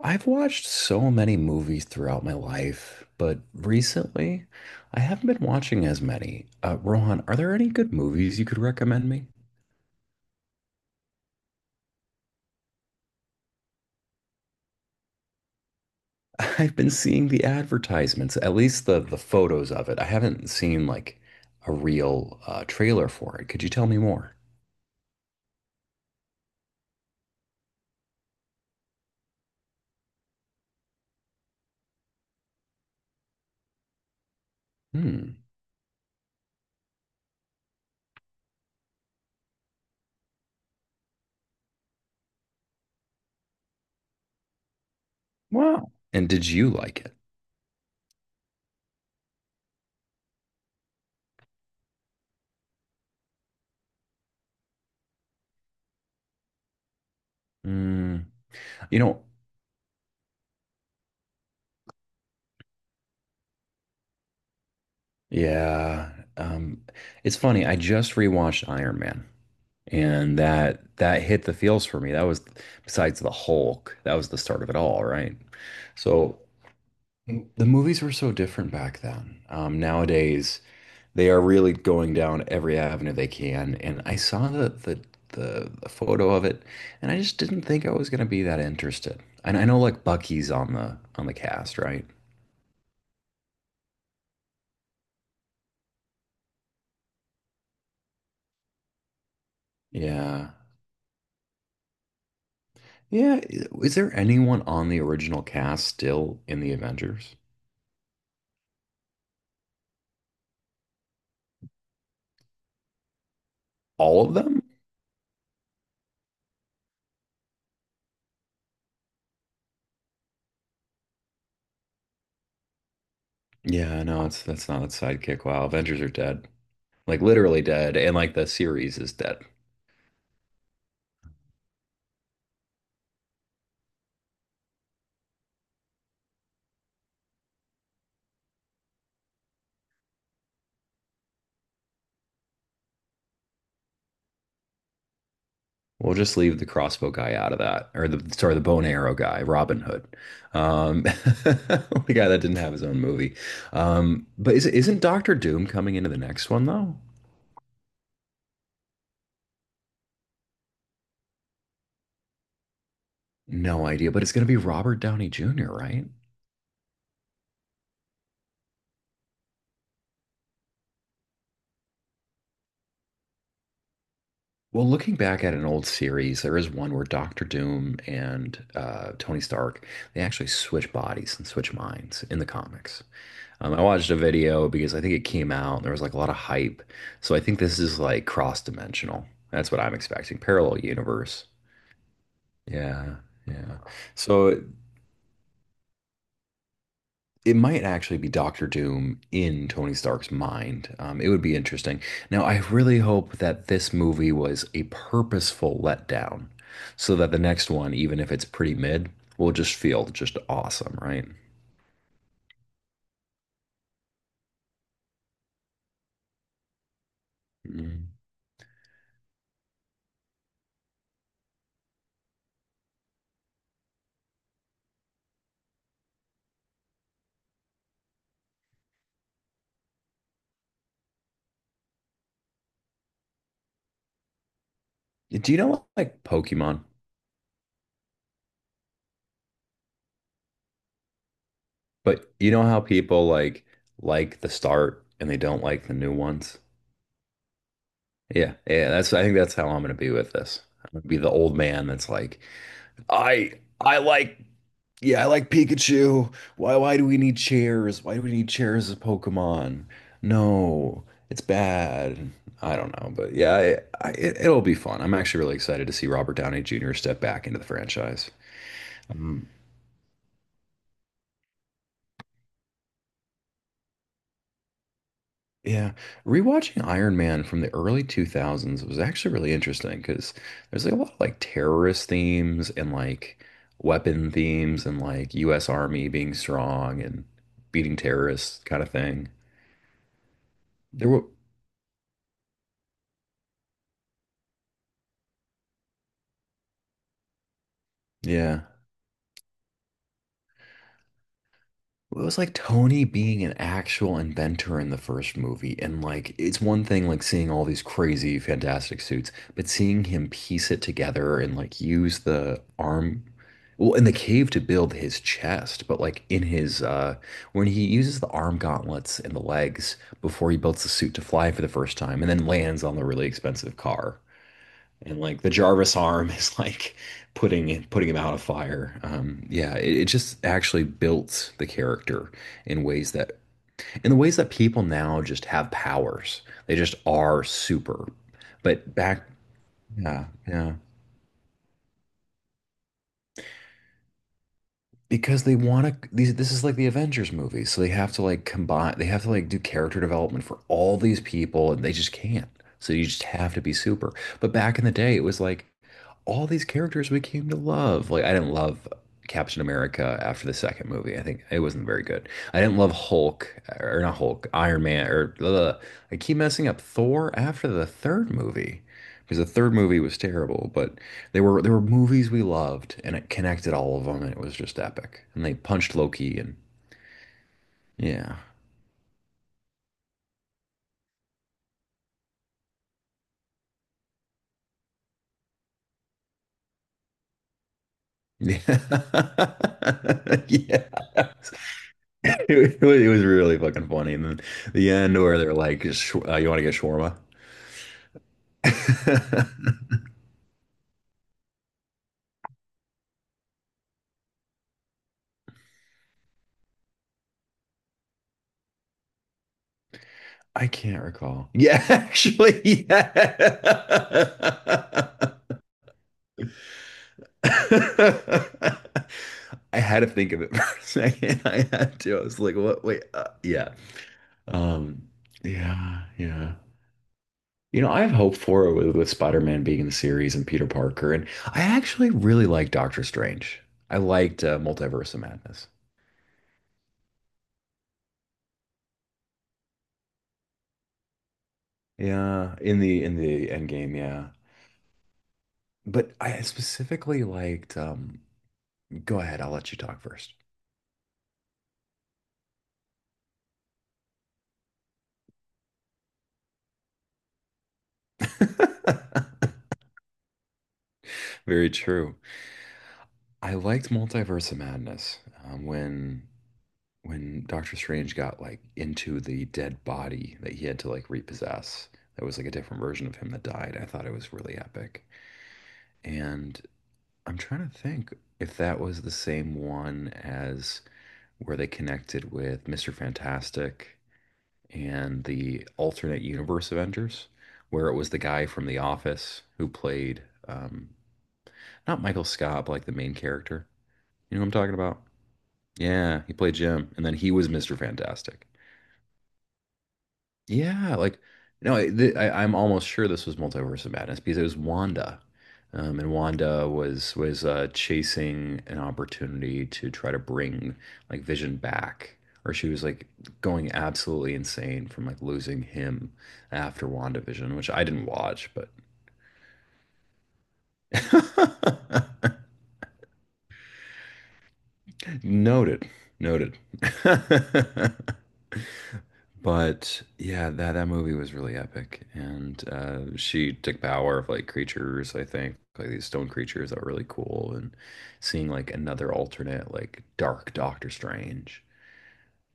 I've watched so many movies throughout my life, but recently I haven't been watching as many. Rohan, are there any good movies you could recommend me? I've been seeing the advertisements, at least the photos of it. I haven't seen like a real trailer for it. Could you tell me more? Hmm. Wow. And did you like it? Hmm. You know, yeah. Um, it's funny. I just rewatched Iron Man. And that hit the feels for me. That was, besides the Hulk, that was the start of it all, right? So the movies were so different back then. Nowadays, they are really going down every avenue they can. And I saw the photo of it, and I just didn't think I was gonna be that interested. And I know like Bucky's on the cast, right? Yeah. Yeah. Is there anyone on the original cast still in the Avengers? All of them? Yeah, no, it's that's not its sidekick. Wow, Avengers are dead. Like literally dead, and like the series is dead. We'll just leave the crossbow guy out of that, or the sorry, the bone arrow guy, Robin Hood, the guy that didn't have his own movie. But is, isn't Doctor Doom coming into the next one though? No idea, but it's gonna be Robert Downey Jr., right? Well, looking back at an old series, there is one where Doctor Doom and Tony Stark, they actually switch bodies and switch minds in the comics. I watched a video because I think it came out and there was like a lot of hype. So I think this is like cross-dimensional. That's what I'm expecting. Parallel universe. Yeah, yeah. So it might actually be Doctor Doom in Tony Stark's mind. It would be interesting. Now, I really hope that this movie was a purposeful letdown so that the next one, even if it's pretty mid, will just feel just awesome, right? Mm. Do you know like Pokemon? But you know how people like the start and they don't like the new ones? Yeah, yeah, that's I think that's how I'm gonna be with this. I'm gonna be the old man that's like, I I like yeah, I like Pikachu. Why do we need chairs? Why do we need chairs as Pokemon? No, it's bad. I don't know, but yeah, I, it, it'll be fun. I'm actually really excited to see Robert Downey Jr. step back into the franchise. Um, Yeah, rewatching Iron Man from the early 2000s was actually really interesting because there's like a lot of like terrorist themes and like weapon themes and like US Army being strong and beating terrorists kind of thing. There were, yeah. It was like Tony being an actual inventor in the first movie. And like, it's one thing like seeing all these crazy, fantastic suits, but seeing him piece it together and like use the arm, well, in the cave to build his chest, but like in his, when he uses the arm gauntlets and the legs before he builds the suit to fly for the first time and then lands on the really expensive car and like the Jarvis arm is like putting him out of fire. Yeah, it just actually built the character in ways that in the ways that people now just have powers. They just are super. But back, yeah, yeah, because they want to. These this is like the Avengers movie, so they have to like combine. They have to like do character development for all these people, and they just can't. So you just have to be super. But back in the day, it was like all these characters we came to love. Like I didn't love Captain America after the second movie. I think it wasn't very good. I didn't love Hulk or not Hulk, Iron Man or ugh. I keep messing up Thor after the third movie because the third movie was terrible. But they were there were movies we loved and it connected all of them and it was just epic. And they punched Loki and yeah. Yeah. Yeah. It was really fucking funny. And then the end where they're like, you want to get shawarma?" I can't recall. Yeah, actually, yeah. I had to think of it for a second. I had to. I was like, what? Yeah. Um, yeah, yeah. You know, I have hope for it with Spider-Man being in the series and Peter Parker. And I actually really like Doctor Strange. I liked Multiverse of Madness. Yeah, in the end game, yeah. But I specifically liked go ahead, I'll let you talk first. Very true. I liked Multiverse of Madness when Doctor Strange got like into the dead body that he had to like repossess. That was like a different version of him that died. I thought it was really epic. And I'm trying to think if that was the same one as where they connected with Mr. Fantastic and the alternate universe Avengers, where it was the guy from The Office who played um, not Michael Scott, but like the main character. You know what I'm talking about? Yeah, he played Jim, and then he was Mr. Fantastic. Yeah, like no, I, th I, I'm almost sure this was Multiverse of Madness because it was Wanda, and Wanda was chasing an opportunity to try to bring like Vision back, or she was like going absolutely insane from like losing him after WandaVision, which I didn't watch, but noted, noted. But yeah, that that movie was really epic, and she took power of like creatures, I think, like these stone creatures that were really cool, and seeing like another alternate, like dark Doctor Strange.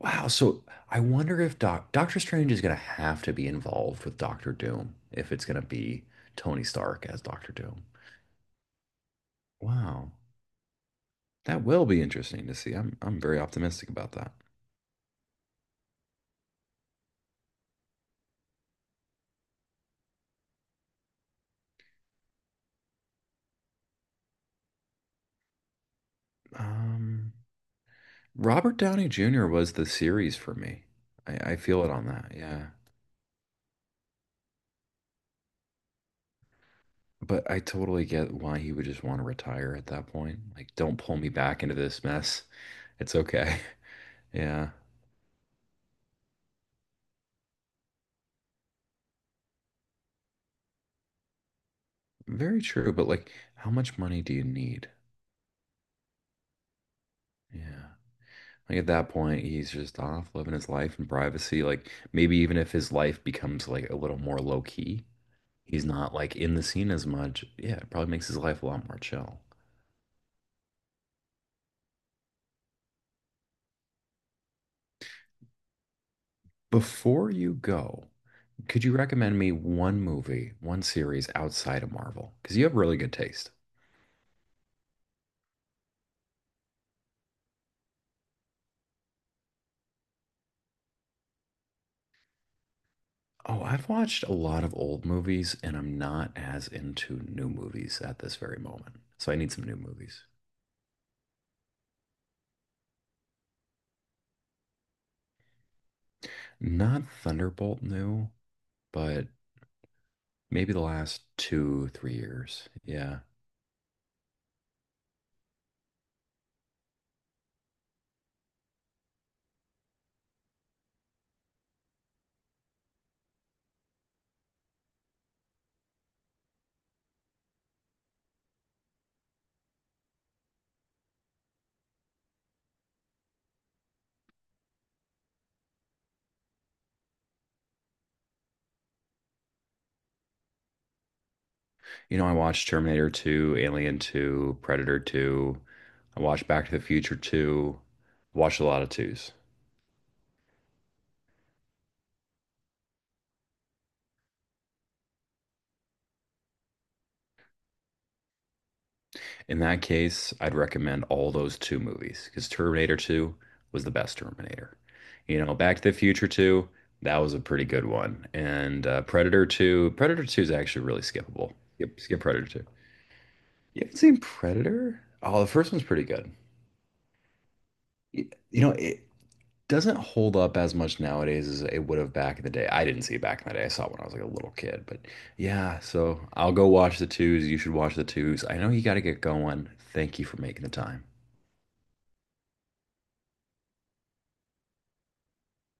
Wow, so I wonder if Doctor Strange is gonna have to be involved with Doctor Doom if it's gonna be Tony Stark as Doctor Doom. Wow, that will be interesting to see. I'm very optimistic about that. Um, Robert Downey Jr. was the series for me. I feel it on that, yeah. But I totally get why he would just want to retire at that point. Like, don't pull me back into this mess. It's okay. Yeah. Very true. But like, how much money do you need? Yeah. Like at that point, he's just off living his life in privacy. Like maybe even if his life becomes like a little more low key, he's not like in the scene as much. Yeah, it probably makes his life a lot more chill. Before you go, could you recommend me one movie, one series outside of Marvel? Because you have really good taste. Oh, I've watched a lot of old movies and I'm not as into new movies at this very moment. So I need some new movies. Not Thunderbolt new, but maybe the last two, three years. Yeah. You know, I watched Terminator 2, Alien 2, Predator 2. I watched Back to the Future 2. Watched a lot of twos. In that case, I'd recommend all those two movies because Terminator 2 was the best Terminator. You know, Back to the Future 2, that was a pretty good one. And Predator 2, Predator 2 is actually really skippable. Skip, skip Predator 2. You haven't seen Predator? Oh, the first one's pretty good. You know, it doesn't hold up as much nowadays as it would have back in the day. I didn't see it back in the day. I saw it when I was like a little kid. But yeah, so I'll go watch the twos. You should watch the twos. I know you got to get going. Thank you for making the time.